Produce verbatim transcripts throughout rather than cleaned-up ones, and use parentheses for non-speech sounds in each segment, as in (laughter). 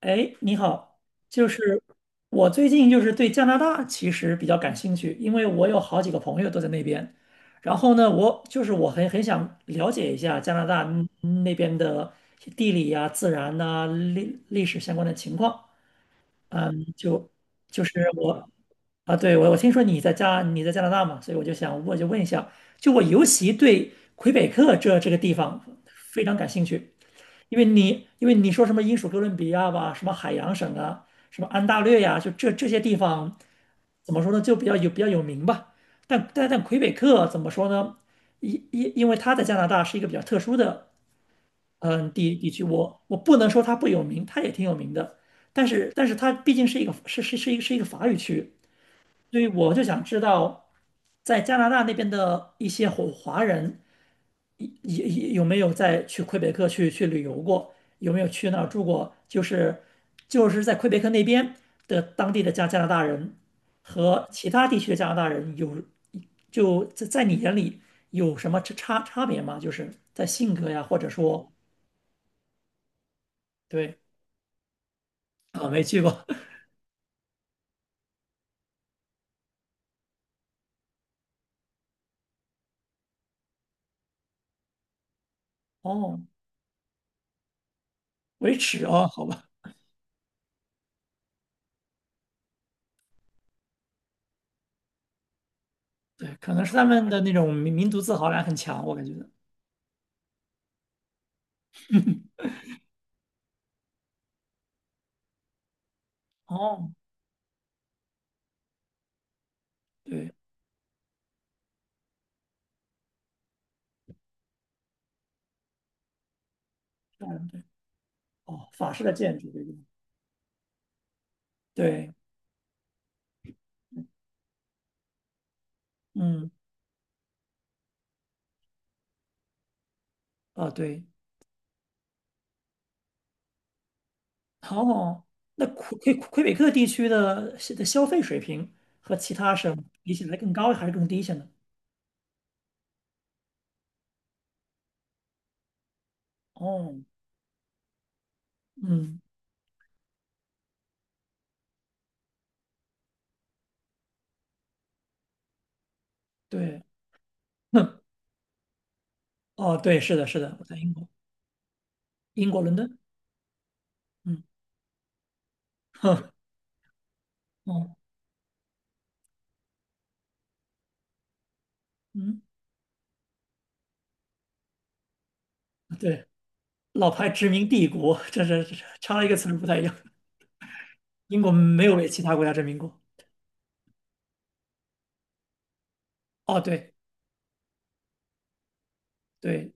哎，你好，就是我最近就是对加拿大其实比较感兴趣，因为我有好几个朋友都在那边。然后呢，我就是我很很想了解一下加拿大嗯那边的地理呀、自然呐、历历史相关的情况。嗯。就就是我啊，对，我我听说你在加你在加拿大嘛，所以我就想我就问一下。就我尤其对魁北克这这个地方非常感兴趣。因为你因为你说什么英属哥伦比亚吧，什么海洋省啊，什么安大略呀、就这这些地方，怎么说呢，就比较有比较有名吧。但但但魁北克怎么说呢？因因因为它在加拿大是一个比较特殊的嗯地地区，我我不能说它不有名，它也挺有名的。但是但是它毕竟是一个是是是一个是一个法语区，所以我就想知道，在加拿大那边的一些华华人有有没有在去魁北克去去旅游过？有没有去那儿住过？就是就是在魁北克那边的当地的加加拿大人和其他地区的加拿大人有就在在你眼里有什么差差差别吗？就是在性格呀，或者说对啊。没去过。 (laughs) 哦。维持哦，好吧。对，可能是他们的那种民民族自豪感很强，我感觉的。哦，对。哦，法式的建筑这种。对。嗯。啊，对。哦，那魁魁魁北克地区的的消费水平和其他省比起来更高还是更低一些呢？哦。嗯。对。哼。哦，对，是的，是的，我在英国。英国伦敦。嗯。哼。哦。嗯。对，老牌殖民帝国，这这这差了一个词儿不太一样，英国没有被其他国家殖民过。哦，对对。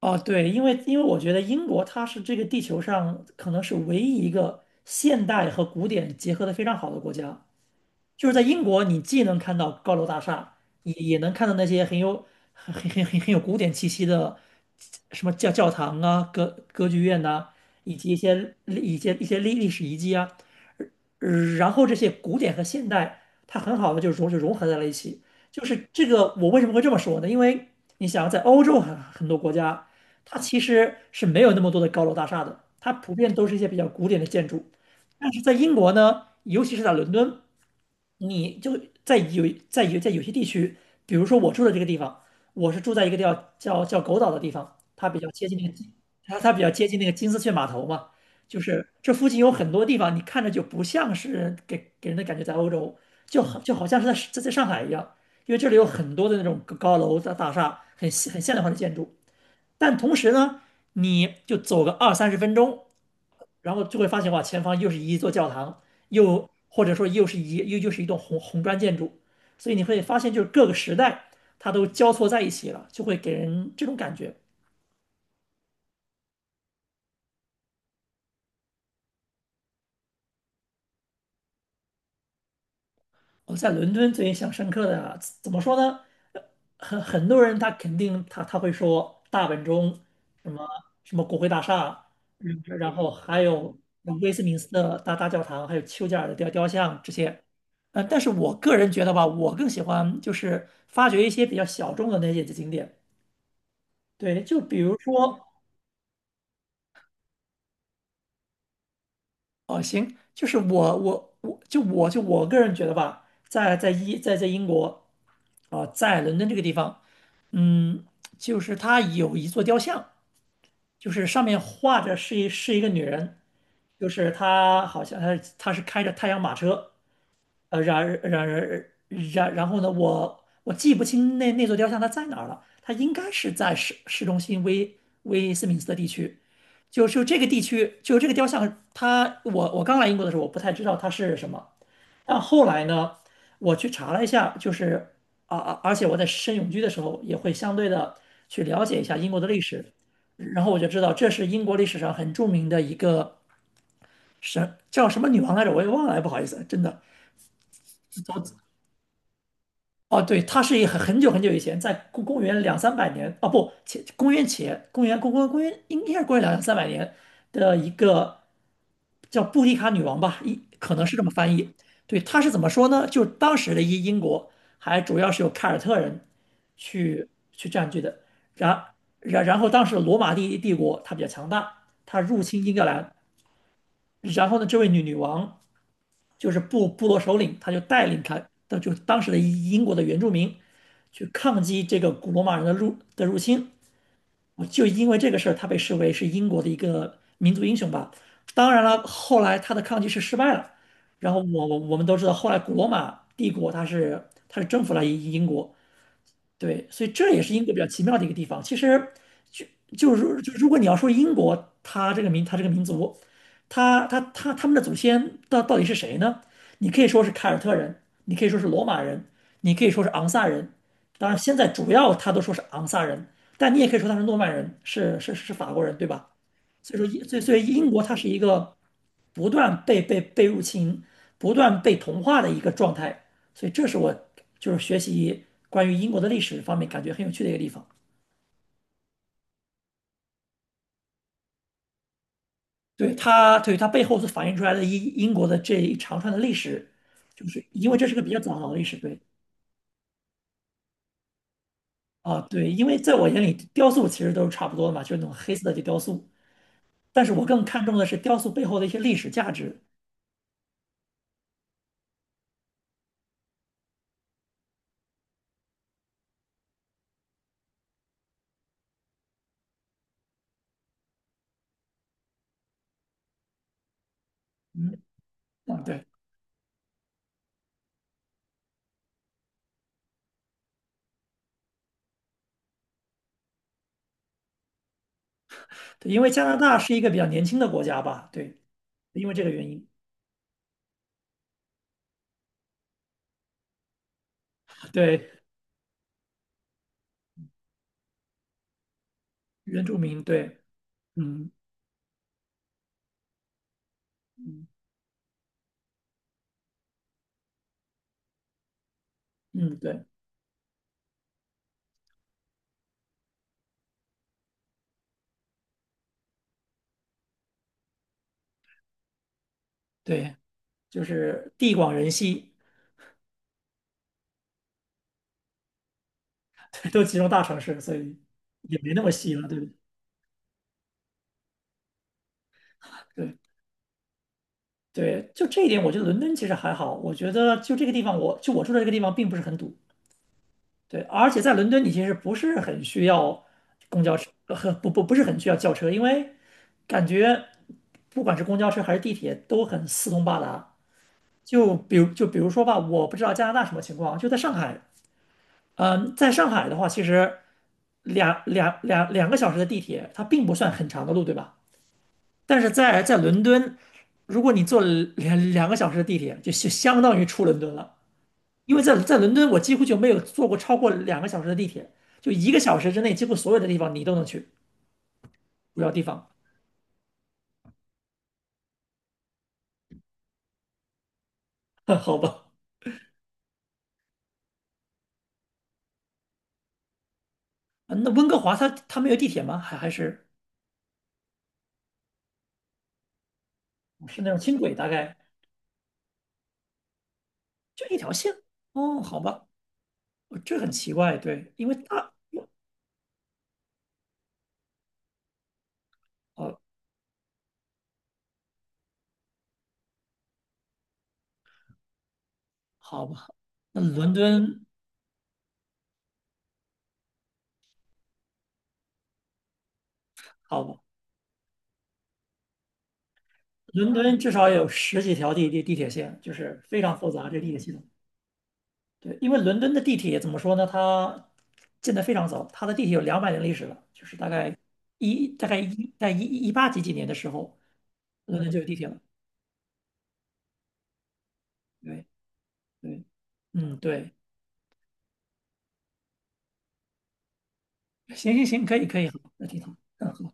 哦对，因为因为我觉得英国它是这个地球上可能是唯一一个现代和古典结合的非常好的国家。就是在英国，你既能看到高楼大厦，也也能看到那些很有很很很很很有古典气息的什么教教堂啊、歌歌剧院呐，以及一些一些一些历历史遗迹啊。呃然后这些古典和现代，它很好的就融就融合在了一起。就是这个，我为什么会这么说呢？因为你想，在欧洲很很多国家，它其实是没有那么多的高楼大厦的，它普遍都是一些比较古典的建筑。但是在英国呢，尤其是在伦敦。你就在有在有在有些地区，比如说我住的这个地方，我是住在一个叫叫叫狗岛的地方，它比较接近那个金。它它比较接近那个金丝雀码头嘛，就是这附近有很多地方，你看着就不像是给给人的感觉在欧洲，就好就好像是在在在上海一样，因为这里有很多的那种高高楼大大厦，很现很现代化的建筑，但同时呢，你就走个二三十分钟，然后就会发现哇，前方又是一座教堂，又或者说又是一又又是一栋红红砖建筑，所以你会发现就是各个时代它都交错在一起了，就会给人这种感觉。我在伦敦最印象深刻的啊怎么说呢？呃很很多人他肯定他他会说大本钟，什么什么国会大厦。嗯然后还有威斯敏斯特大大教堂，还有丘吉尔的雕雕像这些。呃，但是我个人觉得吧，我更喜欢就是发掘一些比较小众的那些景点。对，就比如说哦，行，就是我我我就我就我个人觉得吧，在在英在在英国啊，在伦敦这个地方。嗯，就是它有一座雕像，就是上面画着是一是一个女人，就是她好像她她是开着太阳马车。呃，然然然然然后呢，我我记不清那那座雕像它在哪儿了，它应该是在市市中心威威斯敏斯特地区。就就这个地区，就这个雕像，它我我刚来英国的时候，我不太知道它是什么，但后来呢，我去查了一下，就是啊啊，而且我在申永居的时候也会相对的去了解一下英国的历史，然后我就知道这是英国历史上很著名的一个神，叫什么女王来着，我也忘了，哎不好意思，真的。哦，对，它是一很很久很久以前，在公公元两三百年，哦不，前公元前公元公公公元应该是公元两三百年的一个叫布迪卡女王吧，一可能是这么翻译。对，她是怎么说呢？就当时的一英国还主要是由凯尔特人去去占据的，然然然后当时罗马帝帝国它比较强大，它入侵英格兰，然后呢，这位女女王就是部部落首领，他就带领他的就是当时的英国的原住民去抗击这个古罗马人的入的入侵。就因为这个事儿，他被视为是英国的一个民族英雄吧。当然了，后来他的抗击是失败了，然后我我我们都知道，后来古罗马帝国它是它是征服了英英国，对，所以这也是英国比较奇妙的一个地方。其实就就如就如果你要说英国，它这个民它这个民族，它它它他们的祖先到到底是谁呢？你可以说是凯尔特人，你可以说是罗马人，你可以说是昂萨人。当然，现在主要他都说是昂萨人，但你也可以说他是诺曼人，是是是法国人，对吧？所以说英，所以所以英国它是一个不断被被被入侵、不断被同化的一个状态。所以这是我就是学习关于英国的历史方面感觉很有趣的一个地方。对它，对它背后所反映出来的英英国的这一长串的历史，就是因为这是个比较早的历史，对。啊，对，因为在我眼里，雕塑其实都是差不多的嘛，就是那种黑色的雕塑，但是我更看重的是雕塑背后的一些历史价值。嗯。嗯对对，因为加拿大是一个比较年轻的国家吧，对，因为这个原因。对，原住民。对。嗯。嗯，嗯对对，就是地广人稀。(laughs) 都集中大城市，所以也没那么稀了，对不对？对对，就这一点，我觉得伦敦其实还好。我觉得就这个地方我，就我住的这个地方并不是很堵，对，而且在伦敦你其实不是很需要公交车，和不不不是很需要轿车，因为感觉不管是公交车还是地铁都很四通八达。就比如就比如说吧，我不知道加拿大什么情况。就在上海，嗯，在上海的话，其实两两两两个小时的地铁，它并不算很长的路，对吧？但是在在伦敦，如果你坐了两两个小时的地铁，就就相当于出伦敦了。因为在在伦敦，我几乎就没有坐过超过两个小时的地铁，就一个小时之内，几乎所有的地方你都能去，主要地方。(laughs) 好吧？啊那温哥华它它没有地铁吗？还还是是那种轻轨，大概就一条线？哦，好吧。哦这很奇怪，对，因为大。哦，好吧。那伦敦好吧，伦敦至少有十几条地地地铁线，就是非常复杂这地铁系统。对，因为伦敦的地铁怎么说呢？它建得非常早，它的地铁有两百年历史了，就是大概一大概一在一一八几几年的时候，伦敦就有地铁了。对对。嗯对。行行行，可以可以，好，那挺好，嗯好，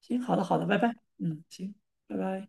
行，好的好的，拜拜。嗯行。拜拜。